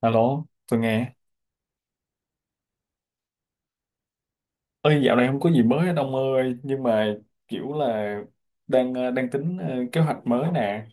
Alo, tôi nghe. Ơi, dạo này không có gì mới hết ông ơi, nhưng mà kiểu là đang đang tính kế hoạch mới nè.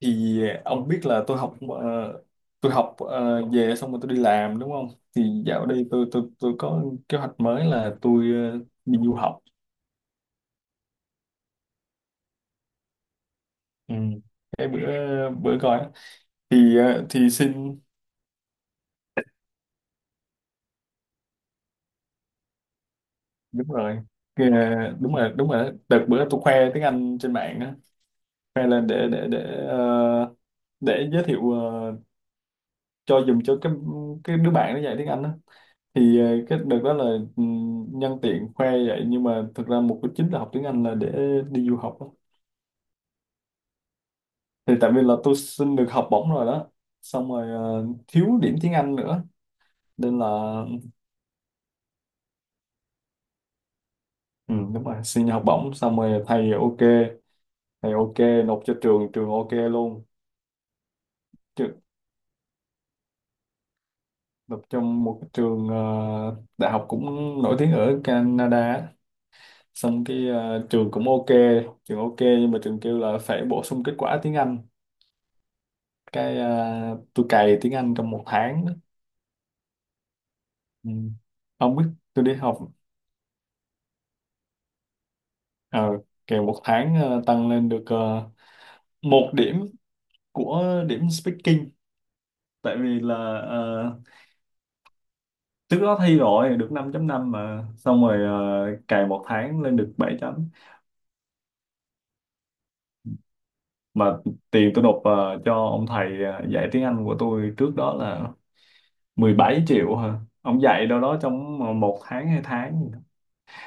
Thì ông biết là về xong rồi tôi đi làm đúng không? Thì dạo đây tôi có kế hoạch mới là tôi ờ, đi du học. Ừ. Cái bữa bữa coi á. Thì xin. Đúng rồi. Ờ, đúng rồi đó. Đợt bữa tôi khoe tiếng Anh trên mạng á, khoe lên để giới thiệu cho dùng cho cái đứa bạn nó dạy tiếng Anh đó. Cái đợt đó là, nhân tiện khoe vậy nhưng mà thực ra mục đích chính là học tiếng Anh là để đi du học đó. Thì tại vì là tôi xin được học bổng rồi đó, xong rồi thiếu điểm tiếng Anh nữa nên là, ừ, đúng rồi, xin học bổng xong rồi thầy ok, thầy ok. Nộp cho trường, trường ok luôn. Trường, nộp trong một cái trường đại học cũng nổi tiếng ở Canada á. Xong cái trường cũng ok, trường ok. Nhưng mà trường kêu là phải bổ sung kết quả tiếng Anh. cái ờ, tôi cày tiếng Anh trong một tháng đó. Ừ. Không biết, tôi đi học ờ kèo một tháng, tăng lên được một điểm, của điểm speaking. Tại vì là ờ, trước đó thi rồi được 5 năm mà, xong rồi cày một tháng lên được 7.0. Mà tiền tôi nộp cho ông thầy dạy tiếng Anh của tôi trước đó là 17 triệu hả? Ông dạy đâu đó trong một tháng, hai tháng gì đó.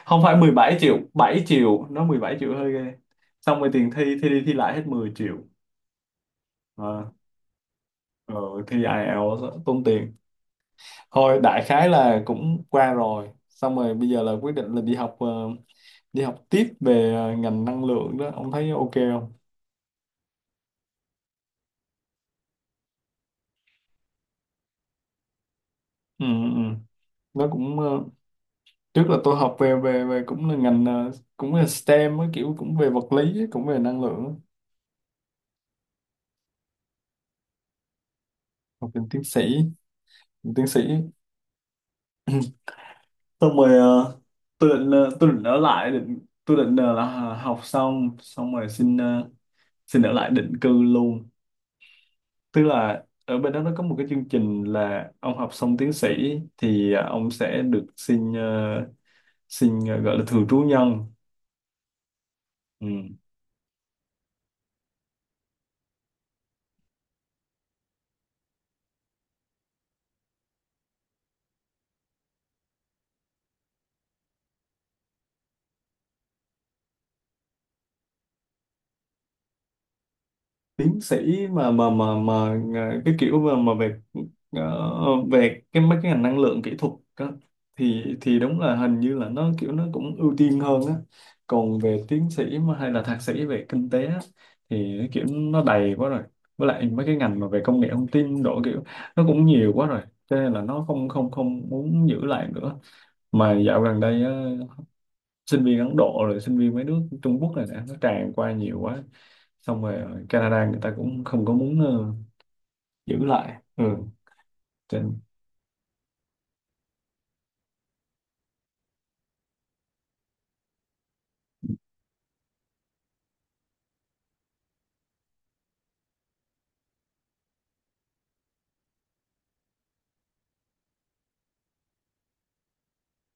Không phải 17 triệu, 7 triệu, nó 17 triệu hơi ghê. Xong rồi tiền thi thi đi thi lại hết 10 triệu. À, rồi thi IELTS á, tốn tiền. Thôi đại khái là cũng qua rồi. Xong rồi bây giờ là quyết định là đi học tiếp về ngành năng lượng đó, ông thấy ok không? Ừ ừ. Ừ. Nó cũng trước là tôi học về về về cũng là ngành, cũng là STEM á, kiểu cũng về vật lý á, cũng về năng lượng á. Học lên tiến sĩ xong rồi tôi định ở lại, định tôi định ờ, là học xong, xong rồi xin ở lại định cư luôn. Tức là ở bên đó nó có một cái chương trình là ông học xong tiến sĩ thì ông sẽ được gọi là thường trú nhân. Ừ. Tiến sĩ cái kiểu mà ờ, về cái mấy cái ngành năng lượng kỹ thuật á, thì đúng là hình như là nó kiểu nó cũng ưu tiên hơn á. Còn về tiến sĩ mà hay là thạc sĩ về kinh tế á, thì cái kiểu nó đầy quá rồi, với lại mấy cái ngành mà về công nghệ thông tin độ kiểu nó cũng nhiều quá rồi cho nên là nó không không không muốn giữ lại nữa. Mà dạo gần đây á, sinh viên Ấn Độ rồi sinh viên mấy nước Trung Quốc này nè nó tràn qua nhiều quá. Xong rồi ở Canada người ta cũng không có muốn giữ lại. Ừ. Trên,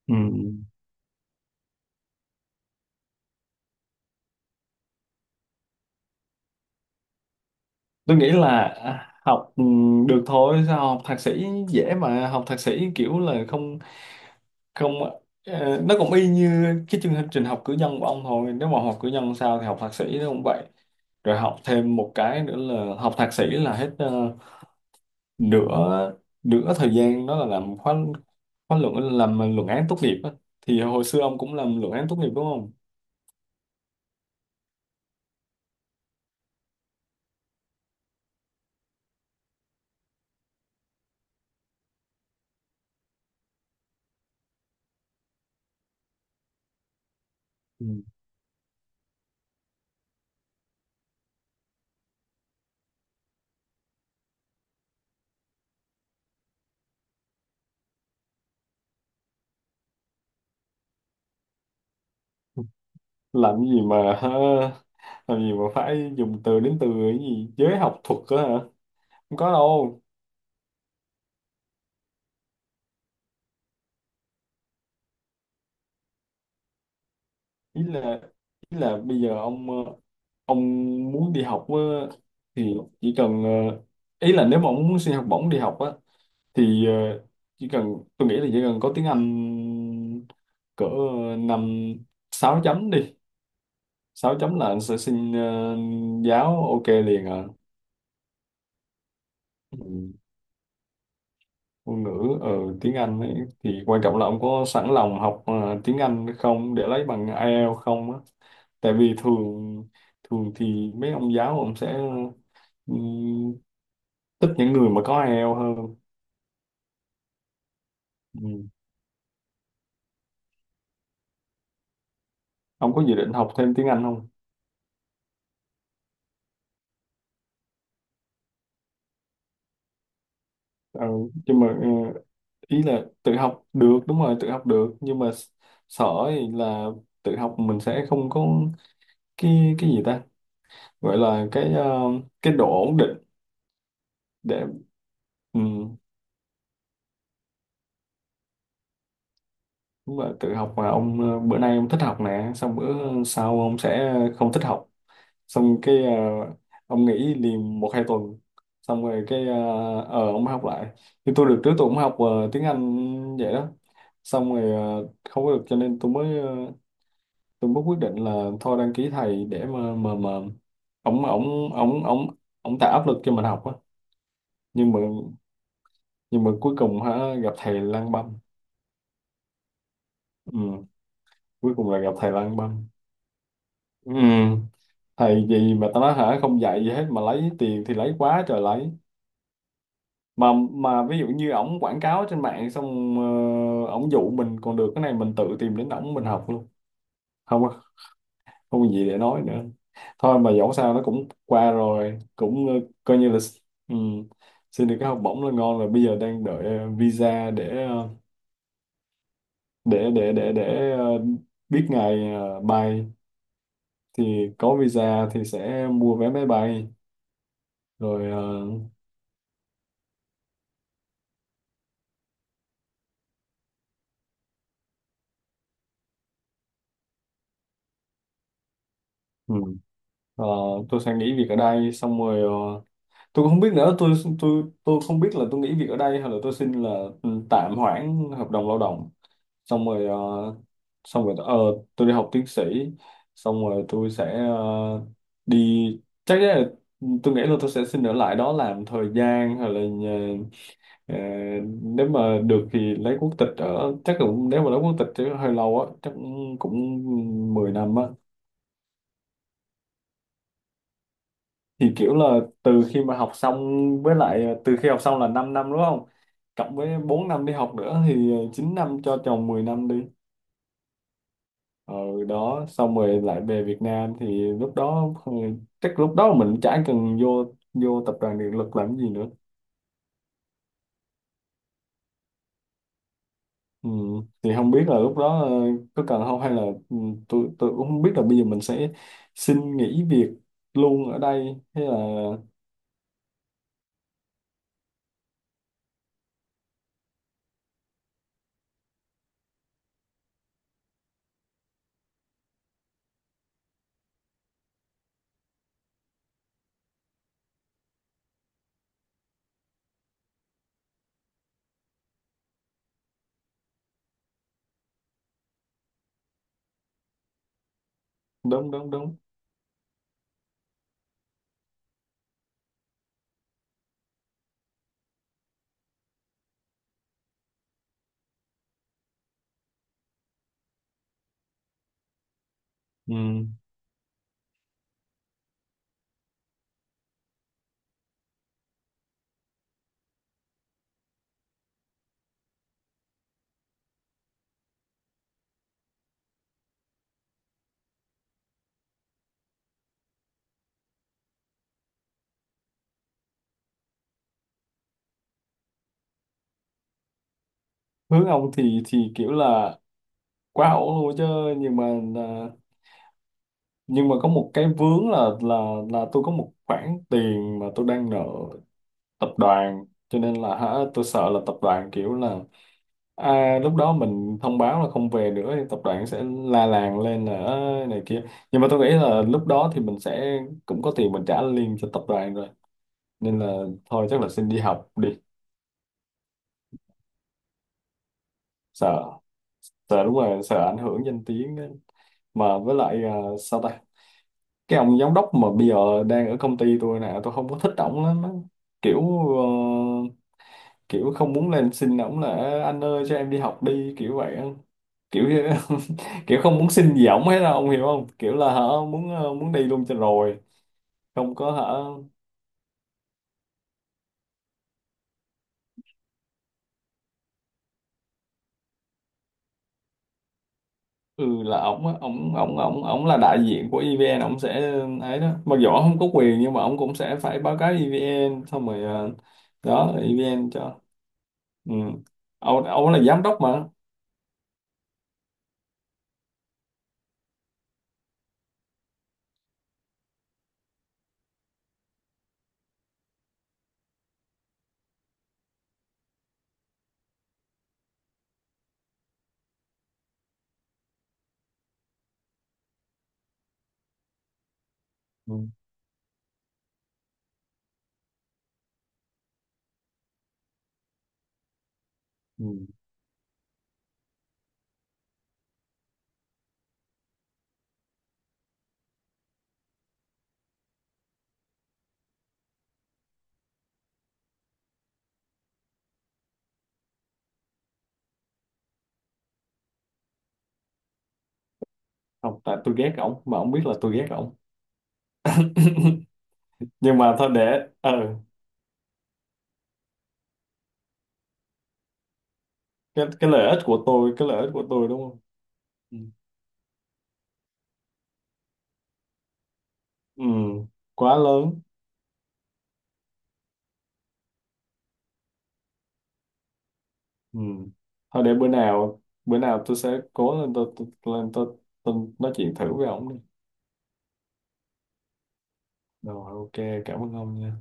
ừ. Tôi nghĩ là học được thôi, sao học thạc sĩ dễ mà, học thạc sĩ kiểu là không không ờ, nó cũng y như cái chương trình học cử nhân của ông thôi. Nếu mà học cử nhân sao thì học thạc sĩ nó cũng vậy. Rồi học thêm một cái nữa là học thạc sĩ là hết nửa nửa thời gian đó là làm khóa khóa luận, làm luận án tốt nghiệp á. Thì hồi xưa ông cũng làm luận án tốt nghiệp đúng không? Ừ. Làm gì mà hả? Làm gì mà phải dùng từ đến từ cái gì giới học thuật đó hả? Không có đâu. Ý là ý là bây giờ ông muốn đi học á, thì chỉ cần ờ, ý là nếu mà ông muốn xin học bổng đi học á thì chỉ cần, tôi nghĩ là chỉ cần có tiếng Anh cỡ năm 6 chấm đi, 6 chấm là anh sẽ giáo ok liền à. Ừ. Ngôn ngữ ở tiếng Anh ấy, thì quan trọng là ông có sẵn lòng học tiếng Anh không, để lấy bằng IELTS không á. Tại vì thường thường thì mấy ông giáo ông sẽ ừm, thích những người mà có IELTS hơn. Ừm. Ông có dự định học thêm tiếng Anh không? Ờ, nhưng mà ý là tự học được, đúng rồi, tự học được nhưng mà sợ thì là, tự học mình sẽ không có cái gì ta gọi là cái độ ổn định để, ừ, Đúng là tự học mà ông bữa nay ông thích học nè, xong bữa sau ông sẽ không thích học, xong ông nghỉ liền một hai tuần, xong rồi ông mới học lại. Thì tôi được, trước tôi cũng học tiếng Anh vậy đó, xong rồi không có được, cho nên tôi mới quyết định là thôi đăng ký thầy để mà ông ông ông ông ông tạo áp lực cho mình học á. Nhưng mà nhưng mà cuối cùng hả, gặp thầy lang băm. Ừ, cuối cùng là gặp thầy lang băm. Ừ. Thầy gì mà tao nói hả, không dạy gì hết mà lấy tiền thì lấy quá trời lấy, mà ví dụ như ổng quảng cáo trên mạng xong, ổng dụ mình còn được, cái này mình tự tìm đến ổng mình học luôn. không có- Không có gì để nói nữa. Thôi mà dẫu sao nó cũng qua rồi, cũng coi như là, ừ, xin được cái học bổng là ngon rồi, bây giờ đang đợi visa để để để để để ờ, biết ngày bay. Thì có visa thì sẽ mua vé máy bay rồi. Ờ, ừ. Ờ, tôi sẽ nghỉ việc ở đây, xong rồi tôi cũng không biết nữa, tôi không biết là tôi nghỉ việc ở đây hay là tôi xin là, ừ, tạm hoãn hợp đồng lao động, xong rồi ờ, xong rồi tôi đi học tiến sĩ, xong rồi tôi sẽ đi chắc chắn là, ừ, tôi nghĩ là tôi sẽ xin ở lại đó làm thời gian, hay là ờ, nếu mà được thì lấy quốc tịch, ở chắc cũng, nếu mà lấy quốc tịch chứ hơi lâu á, chắc cũng 10 năm á. Thì kiểu là từ khi mà học xong, với lại từ khi học xong là 5 năm đúng không, cộng với 4 năm đi học nữa thì 9 năm cho chồng 10 năm đi, ờ đó, xong rồi lại về Việt Nam thì lúc đó, ừ, chắc lúc đó mình chả cần vô vô tập đoàn điện lực làm gì nữa. Ừ. Thì không biết là lúc đó có cần không hay là, ừ, tôi cũng không biết là bây giờ mình sẽ xin nghỉ việc luôn ở đây hay là, đúng đúng đúng. Ừ. Hướng ông thì kiểu là quá ổn luôn chứ, nhưng mà à, có một cái vướng là tôi có một khoản tiền mà tôi đang nợ tập đoàn, cho nên là hả tôi sợ là tập đoàn kiểu là, lúc đó mình thông báo là không về nữa thì tập đoàn sẽ la làng lên là "Ơ, này kia." Nhưng mà tôi nghĩ là lúc đó thì mình sẽ cũng có tiền mình trả liền cho tập đoàn rồi, nên là thôi chắc là xin đi học đi. Sợ. Sợ đúng rồi, sợ ảnh hưởng danh tiếng ấy. Mà với lại sao ta, cái ông giám đốc mà bây giờ đang ở công ty tôi nè, tôi không có thích ổng lắm á. kiểu ờ, kiểu không muốn lên xin ổng là "Ê, anh ơi cho em đi học đi," kiểu vậy á. Kiểu kiểu không muốn xin gì ổng hết đâu, ông hiểu không, kiểu là hả, muốn đi luôn cho rồi. Không có hả. Ừ, là ổng á, ổng ổng ổng ổng là đại diện của EVN, ổng sẽ ấy đó, mặc dù ổng không có quyền nhưng mà ổng cũng sẽ phải báo cáo EVN xong rồi, đó EVN cho. Ừ. ông là giám đốc mà. Ừ. Ừ. Không, tại tôi ghét ổng mà ổng biết là tôi ghét ổng, nhưng mà thôi để cái lợi ích của tôi, cái lợi ích của tôi, đúng không. Ừ, ừ, quá lớn. Ừ. Thôi để bữa nào tôi sẽ cố lên tôi nói chuyện thử với ổng đi. Rồi ok, cảm ơn ông nha.